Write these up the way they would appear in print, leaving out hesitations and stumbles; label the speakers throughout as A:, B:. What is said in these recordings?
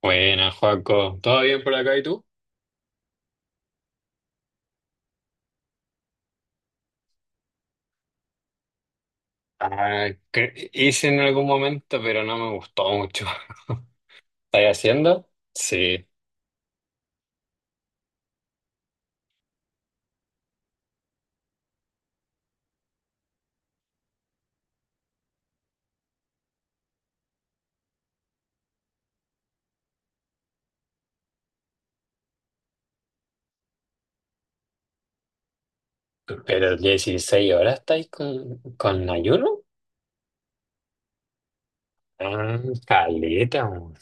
A: Buenas, Joaco. ¿Todo bien por acá y tú? Ah, hice en algún momento, pero no me gustó mucho. ¿Estáis haciendo? Sí. ¿Pero 16 horas estáis con ayuno? Ah, caleta. Weón.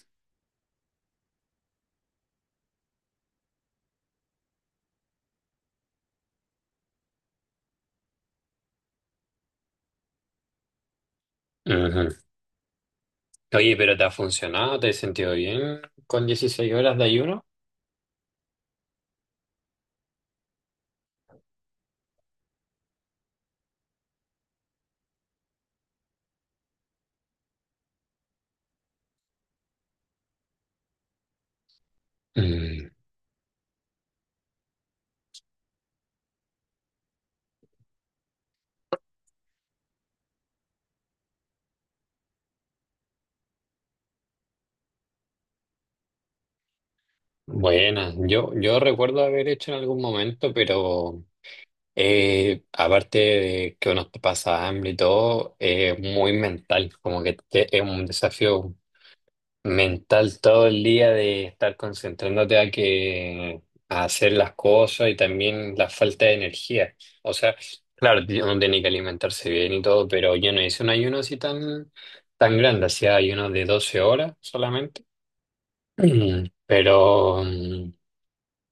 A: Ujú. Oye, ¿pero te ha funcionado? ¿Te has sentido bien con 16 horas de ayuno? Mm, buena. Yo recuerdo haber hecho en algún momento, pero aparte de que uno te pasa hambre y todo, es muy mental, como que es un desafío mental todo el día de estar concentrándote a que a hacer las cosas y también la falta de energía. O sea, claro, uno tiene que alimentarse bien y todo, pero yo no hice un ayuno así tan grande, hacía ayuno de 12 horas solamente. Pero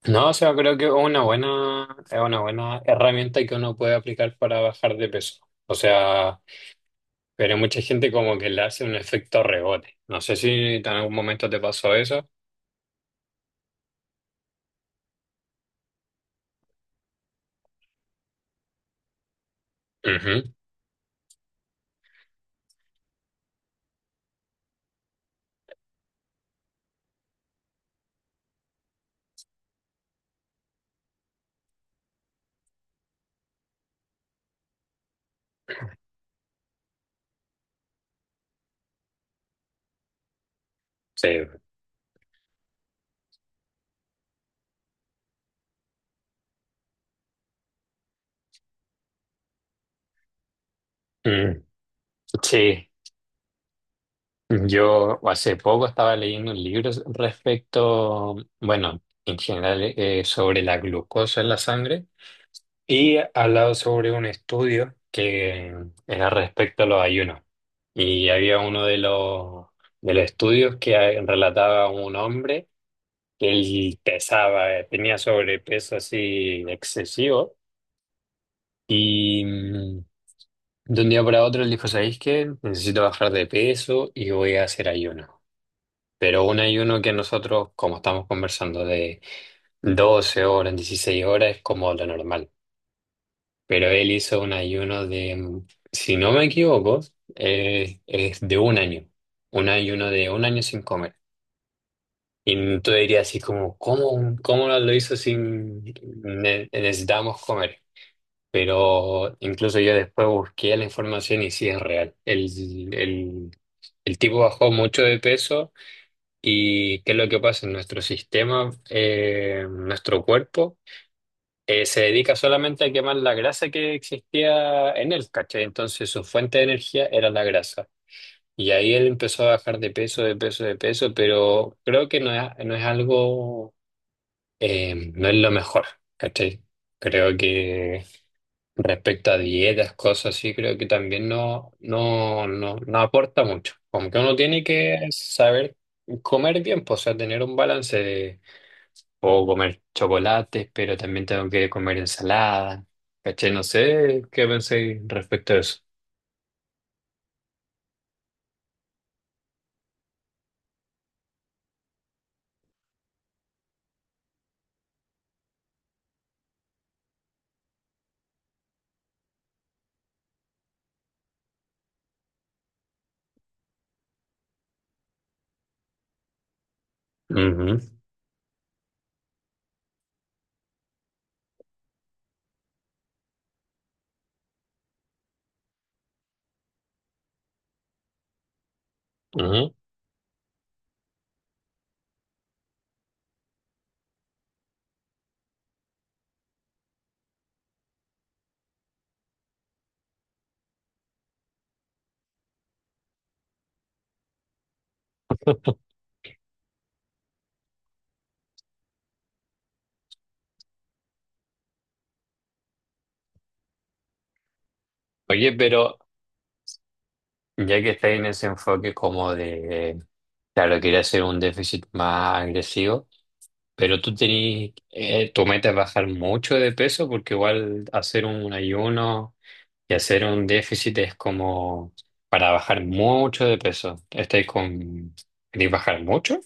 A: no, o sea, creo que es es una buena herramienta que uno puede aplicar para bajar de peso. O sea, pero mucha gente como que le hace un efecto rebote. No sé si en algún momento te pasó eso. Ujú. Sí. Mm, sí. Yo hace poco estaba leyendo un libro respecto, bueno, en general, sobre la glucosa en la sangre. Y hablado sobre un estudio que era respecto a los ayunos. Y había de los estudios que relataba un hombre que él pesaba, tenía sobrepeso así excesivo. Y mm, de un día para otro él dijo, ¿sabéis qué? Necesito bajar de peso y voy a hacer ayuno. Pero un ayuno que nosotros, como estamos conversando, de 12 horas, 16 horas, es como lo normal. Pero él hizo un ayuno de, si no me equivoco, es de un año. Un ayuno de un año sin comer. Y tú dirías así como, ¿cómo, cómo lo hizo sin necesitamos comer? Pero incluso yo después busqué la información y sí es real. El, el tipo bajó mucho de peso. ¿Y qué es lo que pasa en nuestro sistema, nuestro cuerpo? Eh, se dedica solamente a quemar la grasa que existía en él, ¿cachai? Entonces su fuente de energía era la grasa. Y ahí él empezó a bajar de peso, de peso, de peso, pero creo que no es algo, no es lo mejor, ¿cachai? Creo que respecto a dietas, cosas así, creo que también no aporta mucho. Como que uno tiene que saber comer bien, pues, o sea, tener un balance. Puedo comer chocolates, pero también tengo que comer ensalada. ¿Caché? No sé qué pensé respecto a eso. Ujú, ujú. Oye, pero ya que estáis en ese enfoque como de, claro, quería hacer un déficit más agresivo, pero tú tenés, tu meta es bajar mucho de peso porque igual hacer un ayuno y hacer un déficit es como para bajar mucho de peso. ¿Estáis con, queréis bajar mucho?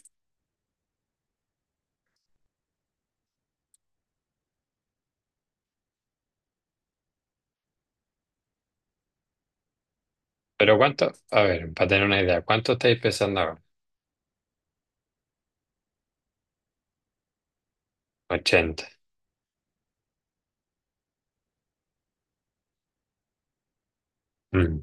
A: Pero cuánto, a ver, para tener una idea, ¿cuánto estáis pesando ahora? 80. Mm,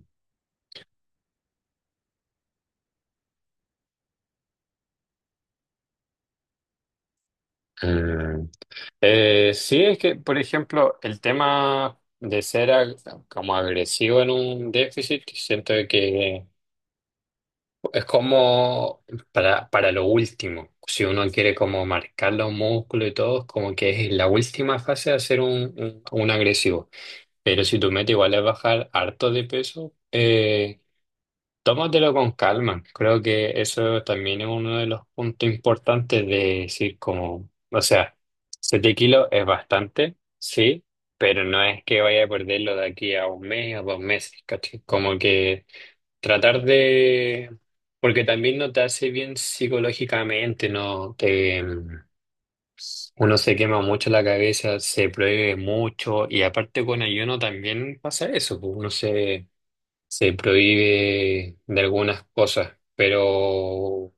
A: mm. Sí, es que, por ejemplo, el tema de ser como agresivo en un déficit, siento que es como para lo último. Si uno quiere como marcar los músculos y todo, es como que es la última fase de hacer un agresivo. Pero si tu meta igual es bajar harto de peso, tómatelo con calma. Creo que eso también es uno de los puntos importantes de decir como, o sea, 7 kilos es bastante, sí, pero no es que vaya a perderlo de aquí a un mes, a dos meses, ¿cachai? Como que tratar de... Porque también no te hace bien psicológicamente, ¿no? Te, uno se quema mucho la cabeza, se prohíbe mucho y aparte con ayuno también pasa eso, pues uno se prohíbe de algunas cosas, pero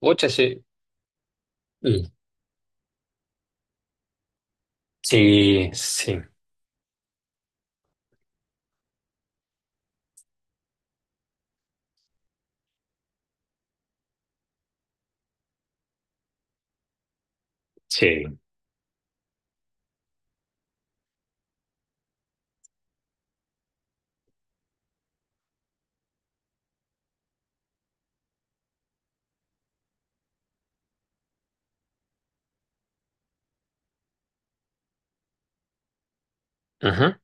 A: ocha, sí. Mm. Sí, sí, sí. Ajá.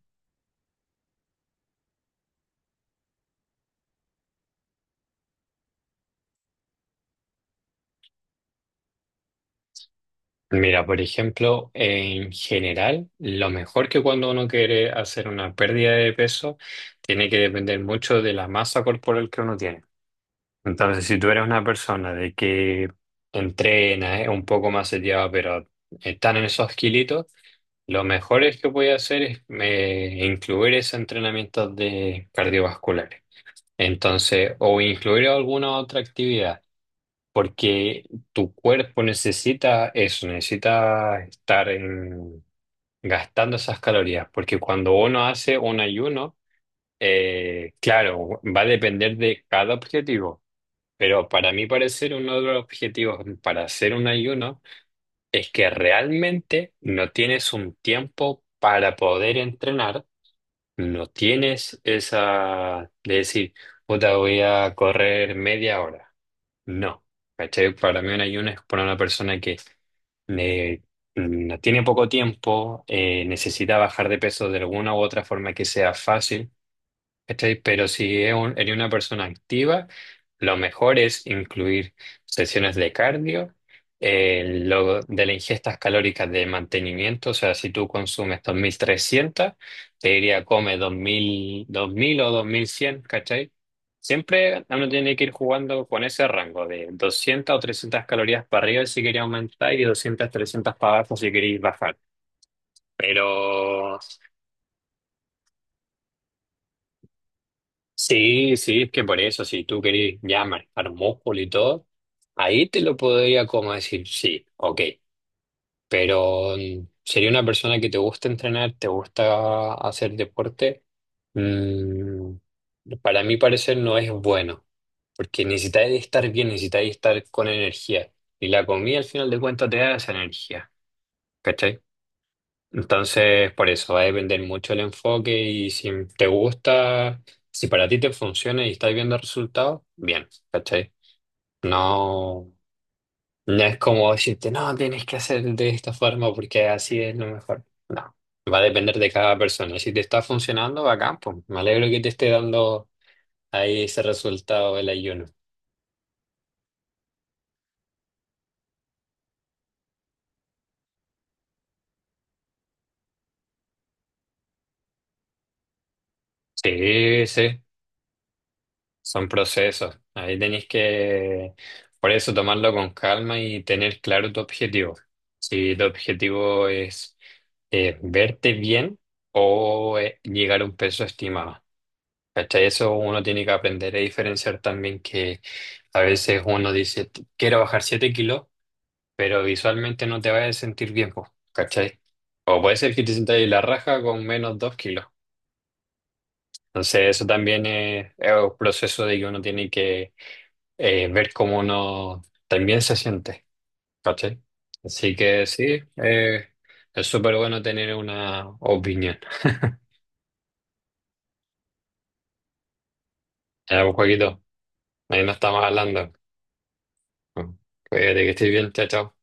A: Mira, por ejemplo, en general, lo mejor que cuando uno quiere hacer una pérdida de peso, tiene que depender mucho de la masa corporal que uno tiene. Entonces, si tú eres una persona de que entrena, es un poco más sellada, pero están en esos kilitos, lo mejor es que voy a hacer es incluir esos entrenamientos de cardiovasculares. Entonces, o incluir alguna otra actividad, porque tu cuerpo necesita eso, necesita gastando esas calorías, porque cuando uno hace un ayuno, claro, va a depender de cada objetivo, pero para mí parecer uno de los objetivos para hacer un ayuno es que realmente no tienes un tiempo para poder entrenar, no tienes esa de decir, puta, voy a correr media hora. No, ¿cachai? Para mí un ayuno es para una persona que eh, no tiene poco tiempo, necesita bajar de peso de alguna u otra forma que sea fácil. ¿Cachai? Pero si es eres una persona activa, lo mejor es incluir sesiones de cardio, lo de las ingestas calóricas de mantenimiento, o sea, si tú consumes 2300, te diría come 2000 o 2100, ¿cachai? Siempre uno tiene que ir jugando con ese rango de 200 o 300 calorías para arriba si quería aumentar y 200 300 para abajo si queréis bajar. Pero sí, sí, es que por eso, si tú querés ya manejar músculo y todo, ahí te lo podría como decir, sí, ok, pero mm, sería una persona que te gusta entrenar, te gusta hacer deporte, mm, para mi parecer no es bueno, porque necesitas estar bien, necesitas estar con energía, y la comida al final de cuentas te da esa energía, ¿cachai? Entonces, por eso va a depender mucho el enfoque y si te gusta, si para ti te funciona y estás viendo resultados, bien, ¿cachai? No, no es como decirte, no, tienes que hacer de esta forma porque así es lo mejor. No, va a depender de cada persona. Si te está funcionando, bacán, pues me alegro que te esté dando ahí ese resultado del ayuno. Sí, sí. Son procesos. Ahí tenéis que, por eso, tomarlo con calma y tener claro tu objetivo. Si tu objetivo es verte bien o llegar a un peso estimado. ¿Cachai? Eso uno tiene que aprender a diferenciar también que a veces uno dice, quiero bajar 7 kilos", pero visualmente no te vas a sentir bien, po, ¿cachai? O puede ser que te sientas ahí la raja con menos 2 kilos. Entonces, eso también es un proceso de que uno tiene que ver cómo uno también se siente, ¿cachai? Así que sí, es súper bueno tener una opinión. Ya, pues, Joaquito, ahí nos estamos hablando. Cuídate que estés bien, chao, chao.